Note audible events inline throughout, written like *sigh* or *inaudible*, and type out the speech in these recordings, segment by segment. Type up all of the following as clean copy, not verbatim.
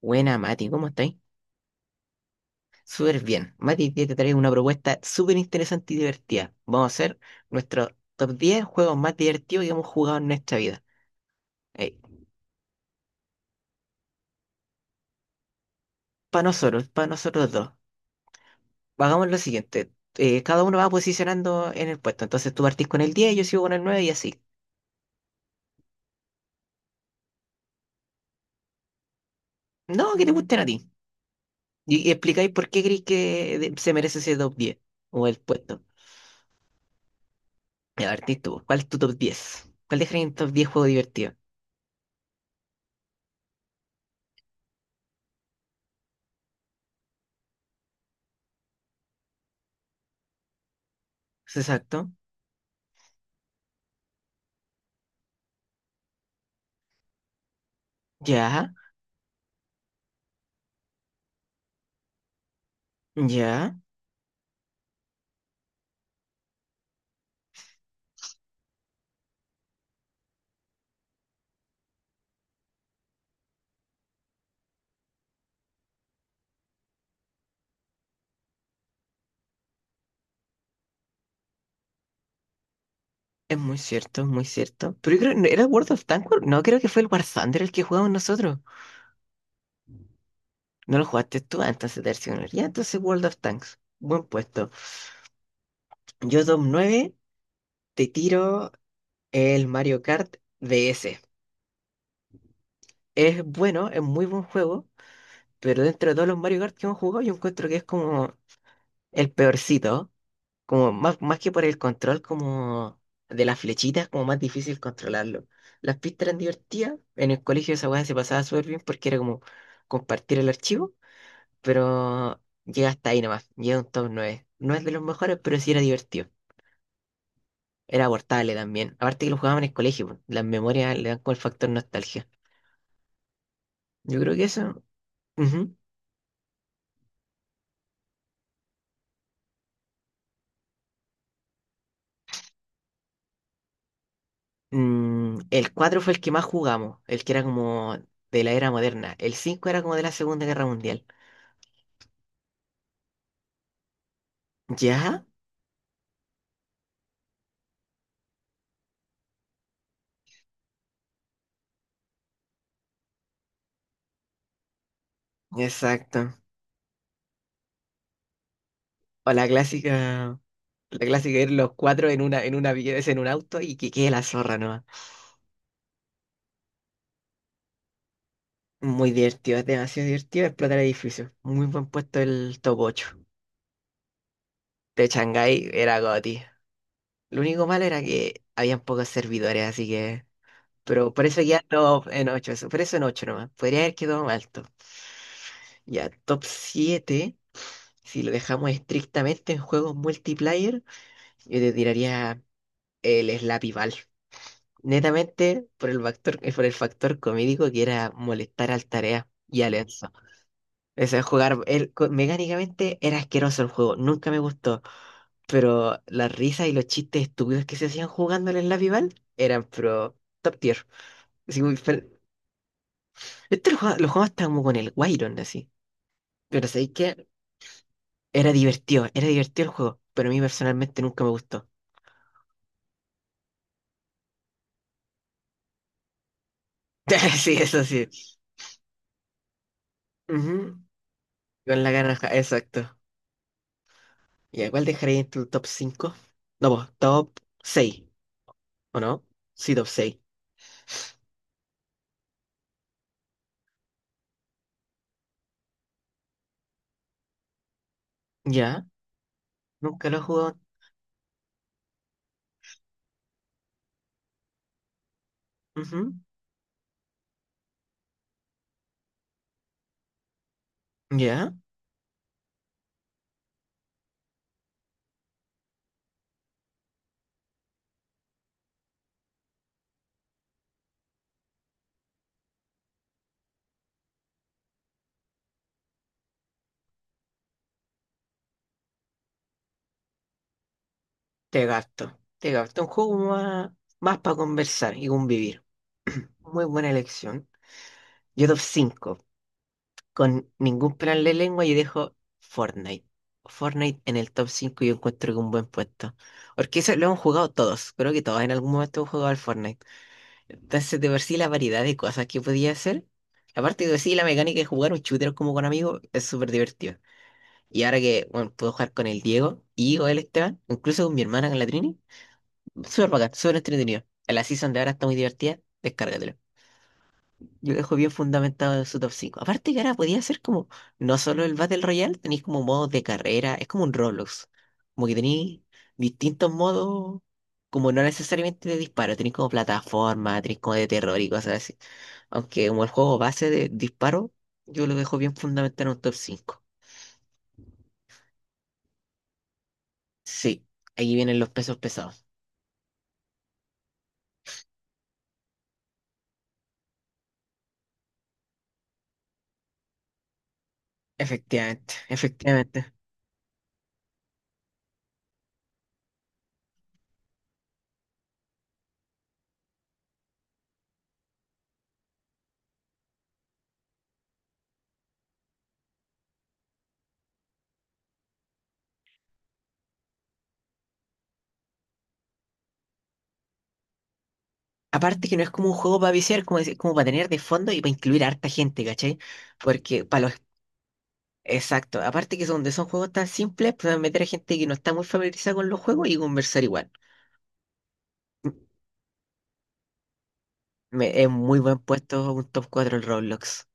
Buena, Mati, ¿cómo estáis? Súper bien. Mati, hoy día te traigo una propuesta súper interesante y divertida. Vamos a hacer nuestro top 10 juegos más divertidos que hemos jugado en nuestra vida. Para nosotros, para nosotros dos. Hagamos lo siguiente. Cada uno va posicionando en el puesto. Entonces tú partís con el 10, yo sigo con el 9 y así. No, que te gusten a ti. Y explicáis por qué creéis que se merece ese top 10 o el puesto. Ya, partís tú. ¿Cuál es tu top 10? ¿Cuál dejarías en top 10 juego divertido? ¿Exacto? Ya, ya. Es muy cierto, es muy cierto. Pero yo creo, ¿no ¿era World of Tanks? No, creo que fue el War Thunder el que jugamos nosotros. No lo jugaste tú, ah, entonces te... Ya, entonces World of Tanks. Buen puesto. Yo Dom 9 te tiro el Mario Kart DS. Es bueno, es muy buen juego, pero dentro de todos los Mario Kart que hemos jugado, yo encuentro que es como el peorcito. Como más, más que por el control como de las flechitas, como más difícil controlarlo. Las pistas eran divertidas. En el colegio esa weá se pasaba súper bien porque era como compartir el archivo, pero llega hasta ahí nomás. Llega a un top nueve. No es de los mejores, pero sí era divertido. Era abortable también. Aparte que lo jugaban en el colegio, po. Las memorias le dan como el factor nostalgia. Yo creo que eso. Ujú. Mm, el 4 fue el que más jugamos, el que era como de la era moderna. El 5 era como de la Segunda Guerra Mundial. ¿Ya? Exacto. O la clásica ir los cuatro en una, vez en un auto y que quede la zorra nomás. Muy divertido, es demasiado divertido explotar edificios. Muy buen puesto el top ocho. De Shanghái era goti. Lo único malo era que habían pocos servidores, así que... Pero por eso ya no en 8 eso, por eso en 8 nomás. Podría haber quedado más alto. Ya, top siete, si lo dejamos estrictamente en juegos multiplayer, yo te tiraría el Slappy Ball. Netamente por el factor comédico que era molestar al Tarea y a Lenzo. O sea, mecánicamente era asqueroso el juego, nunca me gustó, pero las risas y los chistes estúpidos que se hacían jugando en la rival eran pro top tier. Así muy fel- Esto lo jugaba hasta como con el Wyron, así. Pero sabéis que era divertido el juego, pero a mí personalmente nunca me gustó. *laughs* Sí, eso sí. Ujú. Con la garraja, exacto. ¿Y a cuál dejaría entre el top cinco? No, pues, top seis, ¿o no? Sí, top seis. Ya, nunca lo he jugado. Ujú. Ya, te gasto. Te gasto un juego más, más para conversar y convivir. *clears throat* Muy buena elección. Yo top cinco. Con ningún plan de lengua yo dejo Fortnite. Fortnite en el top 5 yo encuentro que un buen puesto. Porque eso lo han jugado todos. Creo que todos en algún momento han jugado al Fortnite. Entonces, de por sí, la variedad de cosas que podía hacer. Aparte de por sí, la mecánica de jugar un shooter como con amigos es súper divertido. Y ahora que, bueno, puedo jugar con el Diego y con el Esteban, incluso con mi hermana, con la Trini, súper bacán, súper entretenido. En la season de ahora está muy divertida, descárgatelo. Yo lo dejo bien fundamentado en su top cinco. Aparte que ahora podía hacer como, no solo el Battle Royale, tenéis como modos de carrera, es como un Roblox. Como que tenéis distintos modos, como no necesariamente de disparo, tenéis como plataforma, tenéis como de terror y cosas así. Aunque como el juego base de disparo, yo lo dejo bien fundamentado en un top 5. Sí, ahí vienen los pesos pesados. Efectivamente, efectivamente. Aparte que no es como un juego para viciar, como, como para tener de fondo y para incluir a harta gente, ¿cachai? Porque para los... Exacto, aparte que son, donde son juegos tan simples, pueden meter a gente que no está muy familiarizada con los juegos y conversar igual. Mm. Es muy buen puesto un top 4 el Roblox.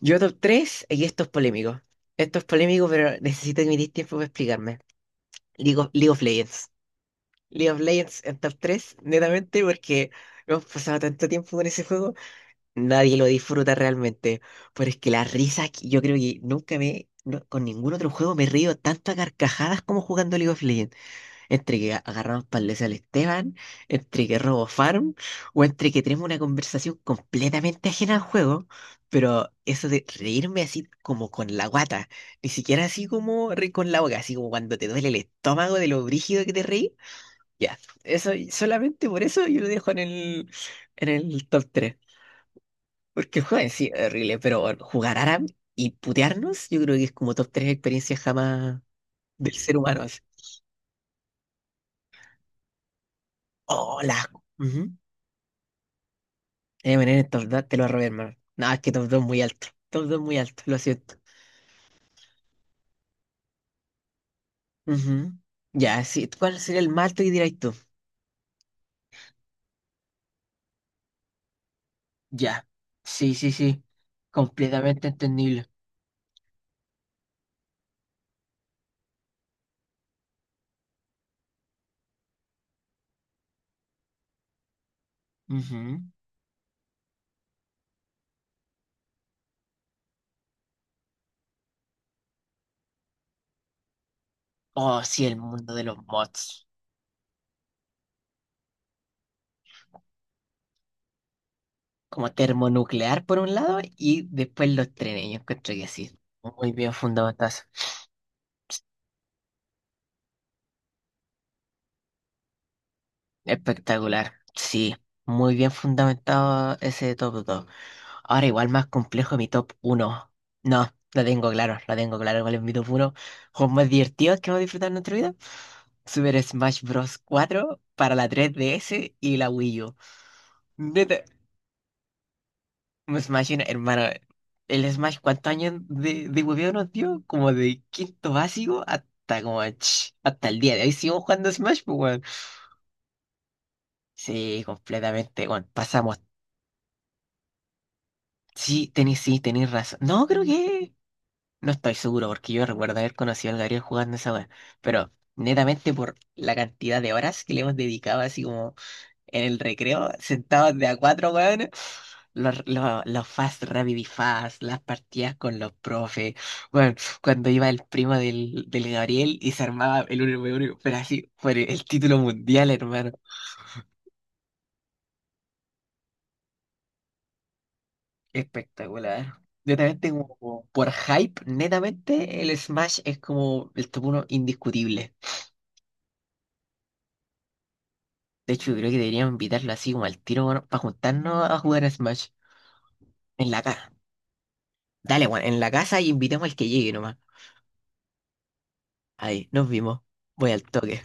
Yo top 3, y esto es polémico. Esto es polémico, pero necesito que me deis tiempo para explicarme. League of Legends. League of Legends en top 3, netamente porque hemos pasado tanto tiempo con ese juego, nadie lo disfruta realmente. Pero es que la risa, yo creo que nunca me, no- con ningún otro juego me río tanto a carcajadas como jugando League of Legends. Entre que agarramos palés al Esteban, entre que robo farm, o entre que tenemos una conversación completamente ajena al juego. Pero eso de reírme así como con la guata, ni siquiera así como reír con la boca, así como cuando te duele el estómago de lo brígido que te reí, ya, eso, solamente por eso yo lo dejo en el top tres. Porque el juego en sí es horrible, pero bueno, jugar Aram y putearnos, yo creo que es como top 3 experiencias jamás del ser humano. Así. Oh, la. Ujú. MN en el top 2, te lo robé, hermano. No, es que top dos muy alto. Top 2 muy alto, lo siento. Ujú. Ya, sí, ¿cuál sería el más alto que dirías tú? Ya, sí, sí, sí. Completamente entendible. Ujú. Oh, sí, el mundo de los mods. Como termonuclear por un lado y después los trenes. Yo encuentro que sí, muy bien fundamentado. Eso. Espectacular, sí, muy bien fundamentado ese top 2. Ahora igual más complejo mi top uno. No, lo tengo claro cuál es mi top uno. Juegos más divertidos que hemos disfrutado en nuestra vida. Super Smash Bros. Cuatro para la 3DS y la Wii U. Neta. Me imagino, hermano, el Smash, ¿cuántos años de hueveo nos dio? Como de quinto básico hasta como, ch, hasta el día de hoy seguimos jugando Smash, pues, weón. Sí, completamente, weón. Pasamos. Sí, tenéis razón. No, creo que... No estoy seguro, porque yo recuerdo haber conocido al Gabriel jugando esa weón. Pero, netamente por la cantidad de horas que le hemos dedicado, así como en el recreo, sentados de a cuatro, weón. Los Fast Rapid Fast, las partidas con los profes. Bueno, cuando iba el primo del Gabriel y se armaba el 1v1, pero así, por el título mundial, hermano. Espectacular. Netamente, como por hype, netamente el Smash es como el top 1 indiscutible. De hecho, creo que deberíamos invitarlo así como al tiro, bueno, para juntarnos a jugar a Smash en la casa. Dale, bueno, en la casa y invitemos al que llegue nomás. Ahí, nos vimos. Voy al toque.